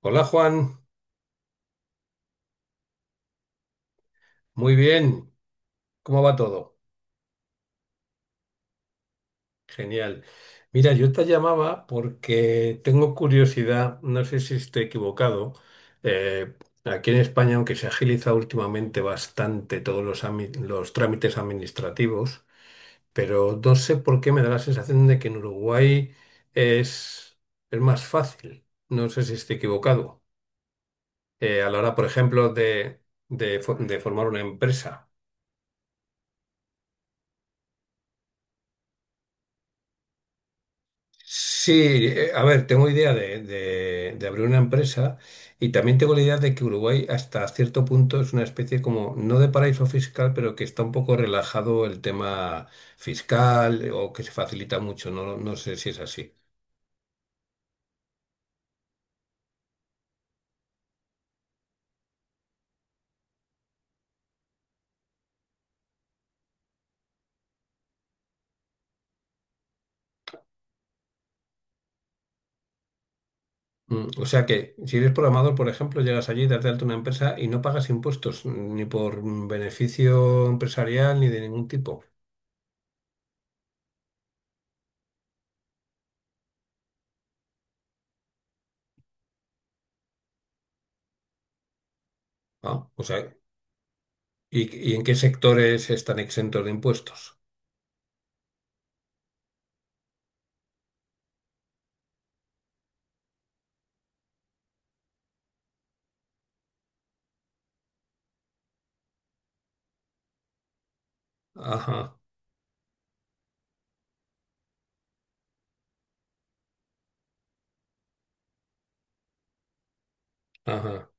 Hola Juan, muy bien, ¿cómo va todo? Genial. Mira, yo te llamaba porque tengo curiosidad, no sé si estoy equivocado, eh, aquí en España, aunque se agiliza últimamente bastante todos los, los trámites administrativos, pero no sé por qué me da la sensación de que en Uruguay es, es más fácil, no sé si estoy equivocado, a la hora, por ejemplo, de de formar una empresa. Sí, a ver, tengo idea de, de abrir una empresa y también tengo la idea de que Uruguay hasta cierto punto es una especie como, no de paraíso fiscal, pero que está un poco relajado el tema fiscal o que se facilita mucho, no, no sé si es así. Mm, o sea que si eres programador, por ejemplo, llegas allí, das de alta una empresa y no pagas impuestos ni por beneficio empresarial ni de ningún tipo. Ah, o sea, y en qué sectores están exentos de impuestos? Ajá, ajá.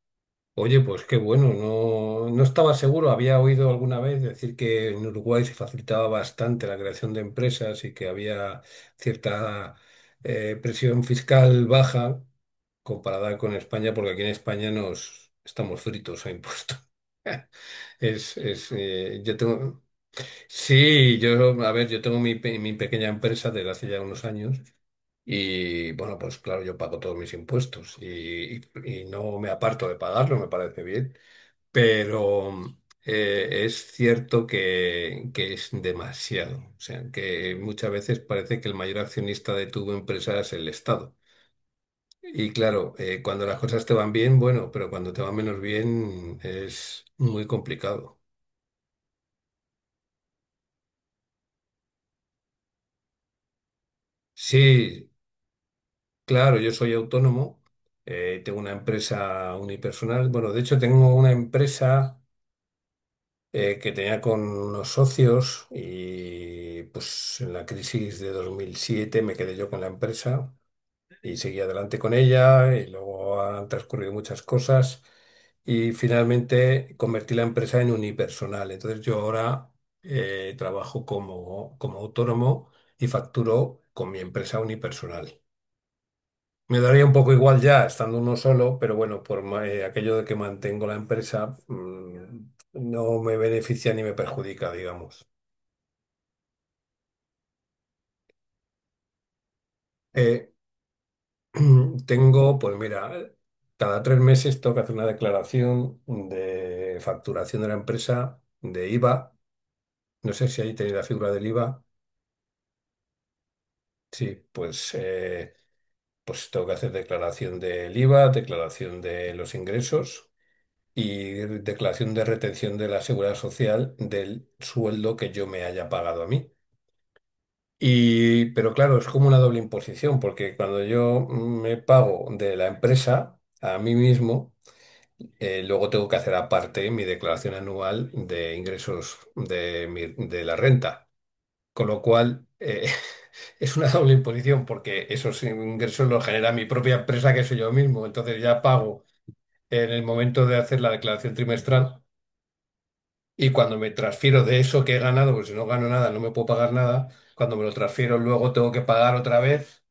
Oye, pues qué bueno, no, no estaba seguro, había oído alguna vez decir que en Uruguay se facilitaba bastante la creación de empresas y que había cierta presión fiscal baja comparada con España, porque aquí en España nos estamos fritos a impuestos. Es, es, eh, yo tengo, sí, yo, a ver, yo tengo mi pequeña empresa desde hace ya unos años y bueno, pues claro, yo pago todos mis impuestos y no me aparto de pagarlo, me parece bien. Pero es cierto que es demasiado. O sea, que muchas veces parece que el mayor accionista de tu empresa es el Estado. Y claro, cuando las cosas te van bien, bueno, pero cuando te van menos bien es muy complicado. Sí, claro, yo soy autónomo, tengo una empresa unipersonal. Bueno, de hecho tengo una empresa que tenía con unos socios y pues en la crisis de 2007 me quedé yo con la empresa y seguí adelante con ella y luego han transcurrido muchas cosas y finalmente convertí la empresa en unipersonal. Entonces yo ahora trabajo como, como autónomo y facturo con mi empresa unipersonal. Me daría un poco igual ya estando uno solo, pero bueno, aquello de que mantengo la empresa, no me beneficia ni me perjudica, digamos. Eh, tengo, pues mira, cada tres meses tengo que hacer una declaración de facturación de la empresa, de IVA. No sé si ahí tenéis la figura del IVA. Sí, pues, pues tengo que hacer declaración del IVA, declaración de los ingresos, y declaración de retención de la Seguridad Social del sueldo que yo me haya pagado a mí. Y, pero claro, es como una doble imposición, porque cuando yo me pago de la empresa a mí mismo, luego tengo que hacer aparte mi declaración anual de ingresos de, de la renta. Con lo cual, eh, es una doble imposición porque esos ingresos los genera mi propia empresa, que soy yo mismo. Entonces ya pago en el momento de hacer la declaración trimestral. Y cuando me transfiero de eso que he ganado, porque si no gano nada, no me puedo pagar nada, cuando me lo transfiero luego tengo que pagar otra vez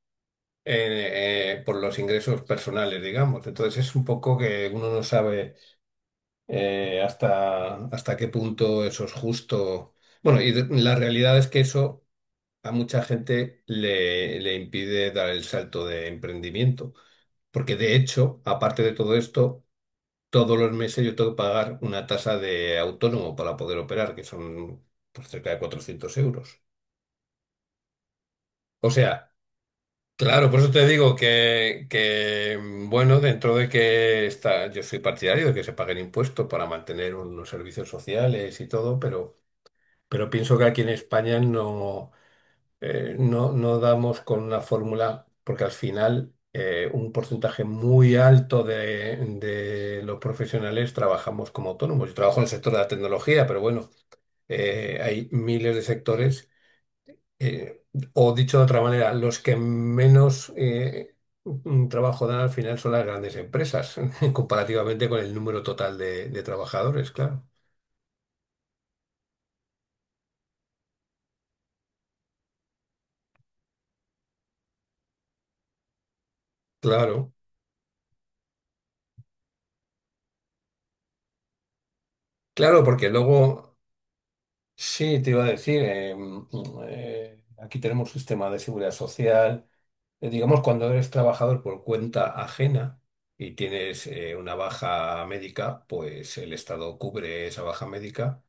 por los ingresos personales, digamos. Entonces es un poco que uno no sabe hasta qué punto eso es justo. Bueno, la realidad es que eso a mucha gente le impide dar el salto de emprendimiento, porque de hecho, aparte de todo esto, todos los meses yo tengo que pagar una tasa de autónomo para poder operar, que son pues, cerca de 400 euros. O sea, claro, por eso te digo bueno, dentro de que está, yo soy partidario de que se paguen impuestos para mantener unos servicios sociales y todo, pero pienso que aquí en España no. No damos con una fórmula, porque al final un porcentaje muy alto de los profesionales trabajamos como autónomos. Yo trabajo en el sector de la tecnología, pero bueno, hay miles de sectores, eh, o dicho de otra manera, los que menos un trabajo dan al final son las grandes empresas, comparativamente con el número total de trabajadores, claro. Claro, claro, porque luego... Sí, te iba a decir, aquí tenemos sistema de seguridad social. Digamos, cuando eres trabajador por cuenta ajena y tienes una baja médica, pues el Estado cubre esa baja médica,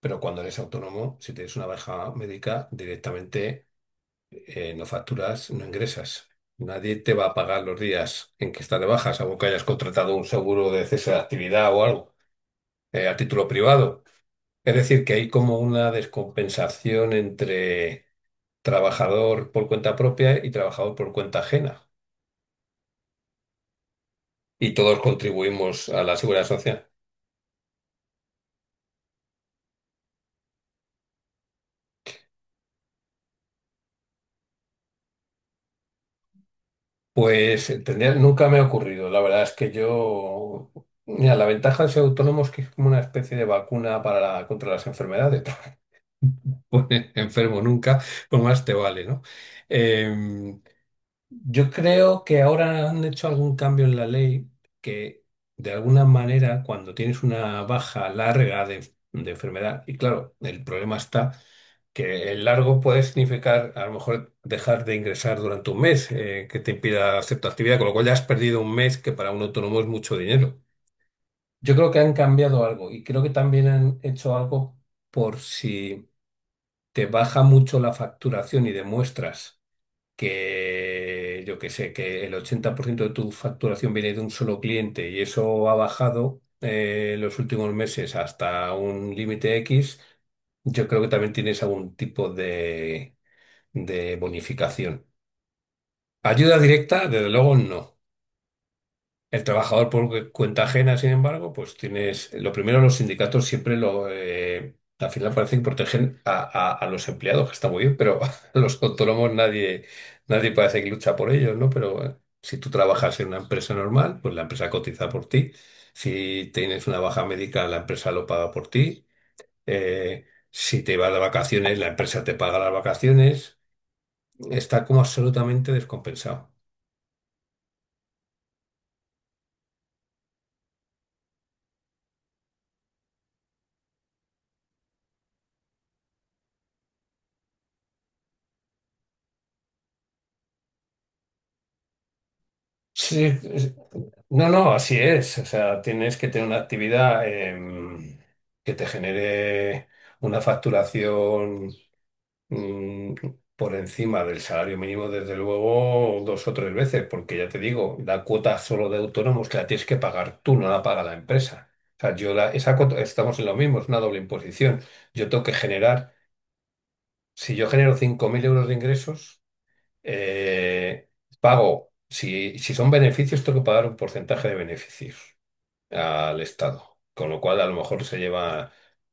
pero cuando eres autónomo, si tienes una baja médica, directamente no facturas, no ingresas. Nadie te va a pagar los días en que estás de baja, salvo que hayas contratado un seguro de cese de actividad o algo, a título privado. Es decir, que hay como una descompensación entre trabajador por cuenta propia y trabajador por cuenta ajena. Y todos contribuimos a la seguridad social. Pues nunca me ha ocurrido. La verdad es que yo... Mira, la ventaja de ser autónomo es que es como una especie de vacuna para contra las enfermedades. No enfermo nunca, pues más te vale, ¿no? Em, yo creo que ahora han hecho algún cambio en la ley que, de alguna manera, cuando tienes una baja larga de enfermedad, y claro, el problema está que el largo puede significar a lo mejor dejar de ingresar durante un mes, que te impida hacer tu actividad, con lo cual ya has perdido un mes que para un autónomo es mucho dinero. Yo creo que han cambiado algo y creo que también han hecho algo por si te baja mucho la facturación y demuestras que yo que sé, que el 80% de tu facturación viene de un solo cliente y eso ha bajado los últimos meses hasta un límite X, yo creo que también tienes algún tipo de bonificación. Ayuda directa, desde luego no. El trabajador por cuenta ajena, sin embargo, pues tienes, lo primero los sindicatos siempre al final parece que protegen a los empleados, que está muy bien, pero a los autónomos nadie, nadie parece que lucha por ellos, ¿no? Pero si tú trabajas en una empresa normal, pues la empresa cotiza por ti. Si tienes una baja médica, la empresa lo paga por ti. Si te vas de vacaciones, la empresa te paga las vacaciones. Está como absolutamente descompensado. Sí, es- no, no, así es. O sea, tienes que tener una actividad que te genere una facturación mm, por encima del salario mínimo, desde luego, dos o tres veces, porque ya te digo, la cuota solo de autónomos que la tienes que pagar tú, no la paga la empresa. O sea, esa cuota, estamos en lo mismo, es una doble imposición. Yo tengo que generar, si yo genero 5.000 euros de ingresos, eh, pago, si son beneficios, tengo que pagar un porcentaje de beneficios al Estado. Con lo cual, a lo mejor se lleva,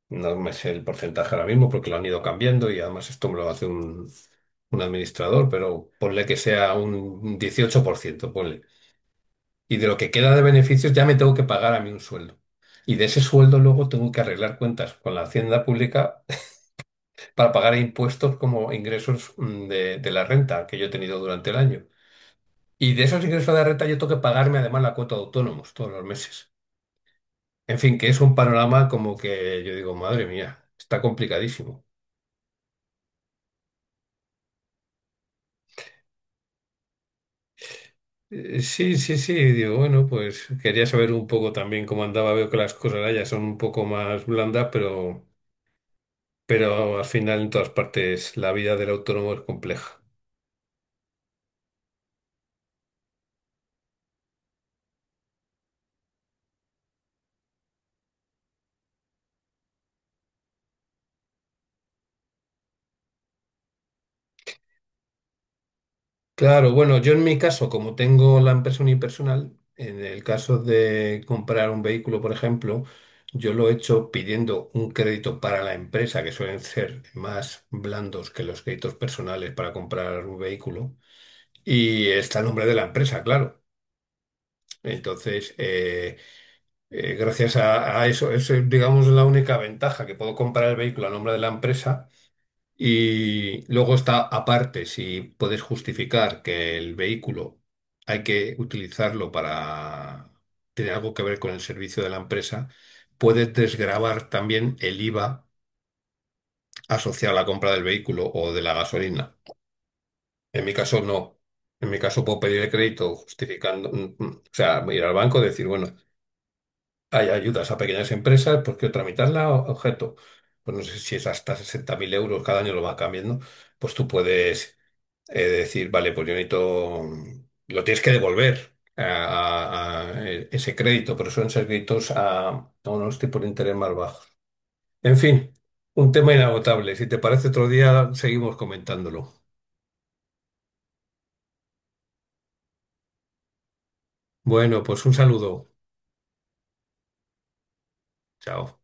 no me sé el porcentaje ahora mismo porque lo han ido cambiando y además esto me lo hace un administrador, pero ponle que sea un 18% ponle. Y de lo que queda de beneficios ya me tengo que pagar a mí un sueldo. Y de ese sueldo luego tengo que arreglar cuentas con la Hacienda Pública para pagar impuestos como ingresos de la renta que yo he tenido durante el año. Y de esos ingresos de renta yo tengo que pagarme además la cuota de autónomos todos los meses. En fin, que es un panorama como que yo digo, madre mía, está complicadísimo. Sí, sí, sí, digo, bueno, pues quería saber un poco también cómo andaba. Veo que las cosas allá son un poco más blandas, pero al final en todas partes la vida del autónomo es compleja. Claro, bueno, yo en mi caso, como tengo la empresa unipersonal, en el caso de comprar un vehículo, por ejemplo, yo lo he hecho pidiendo un crédito para la empresa, que suelen ser más blandos que los créditos personales para comprar un vehículo, y está el nombre de la empresa, claro. Entonces, gracias a eso, eso es, digamos, la única ventaja, que puedo comprar el vehículo a nombre de la empresa y luego está aparte, si puedes justificar que el vehículo hay que utilizarlo para tener algo que ver con el servicio de la empresa, puedes desgravar también el IVA asociado a la compra del vehículo o de la gasolina. En mi caso, no. En mi caso, puedo pedir el crédito justificando, o sea, ir al banco y decir, bueno, hay ayudas a pequeñas empresas, pues quiero tramitarla objeto. Pues no sé si es hasta 60.000 euros, cada año lo va cambiando, pues tú puedes de decir, vale, pues yo necesito, lo tienes que devolver ese crédito, pero suelen ser créditos a unos tipos de interés más bajos. En fin, un tema inagotable. Si te parece otro día, seguimos comentándolo. Bueno, pues un saludo. Chao.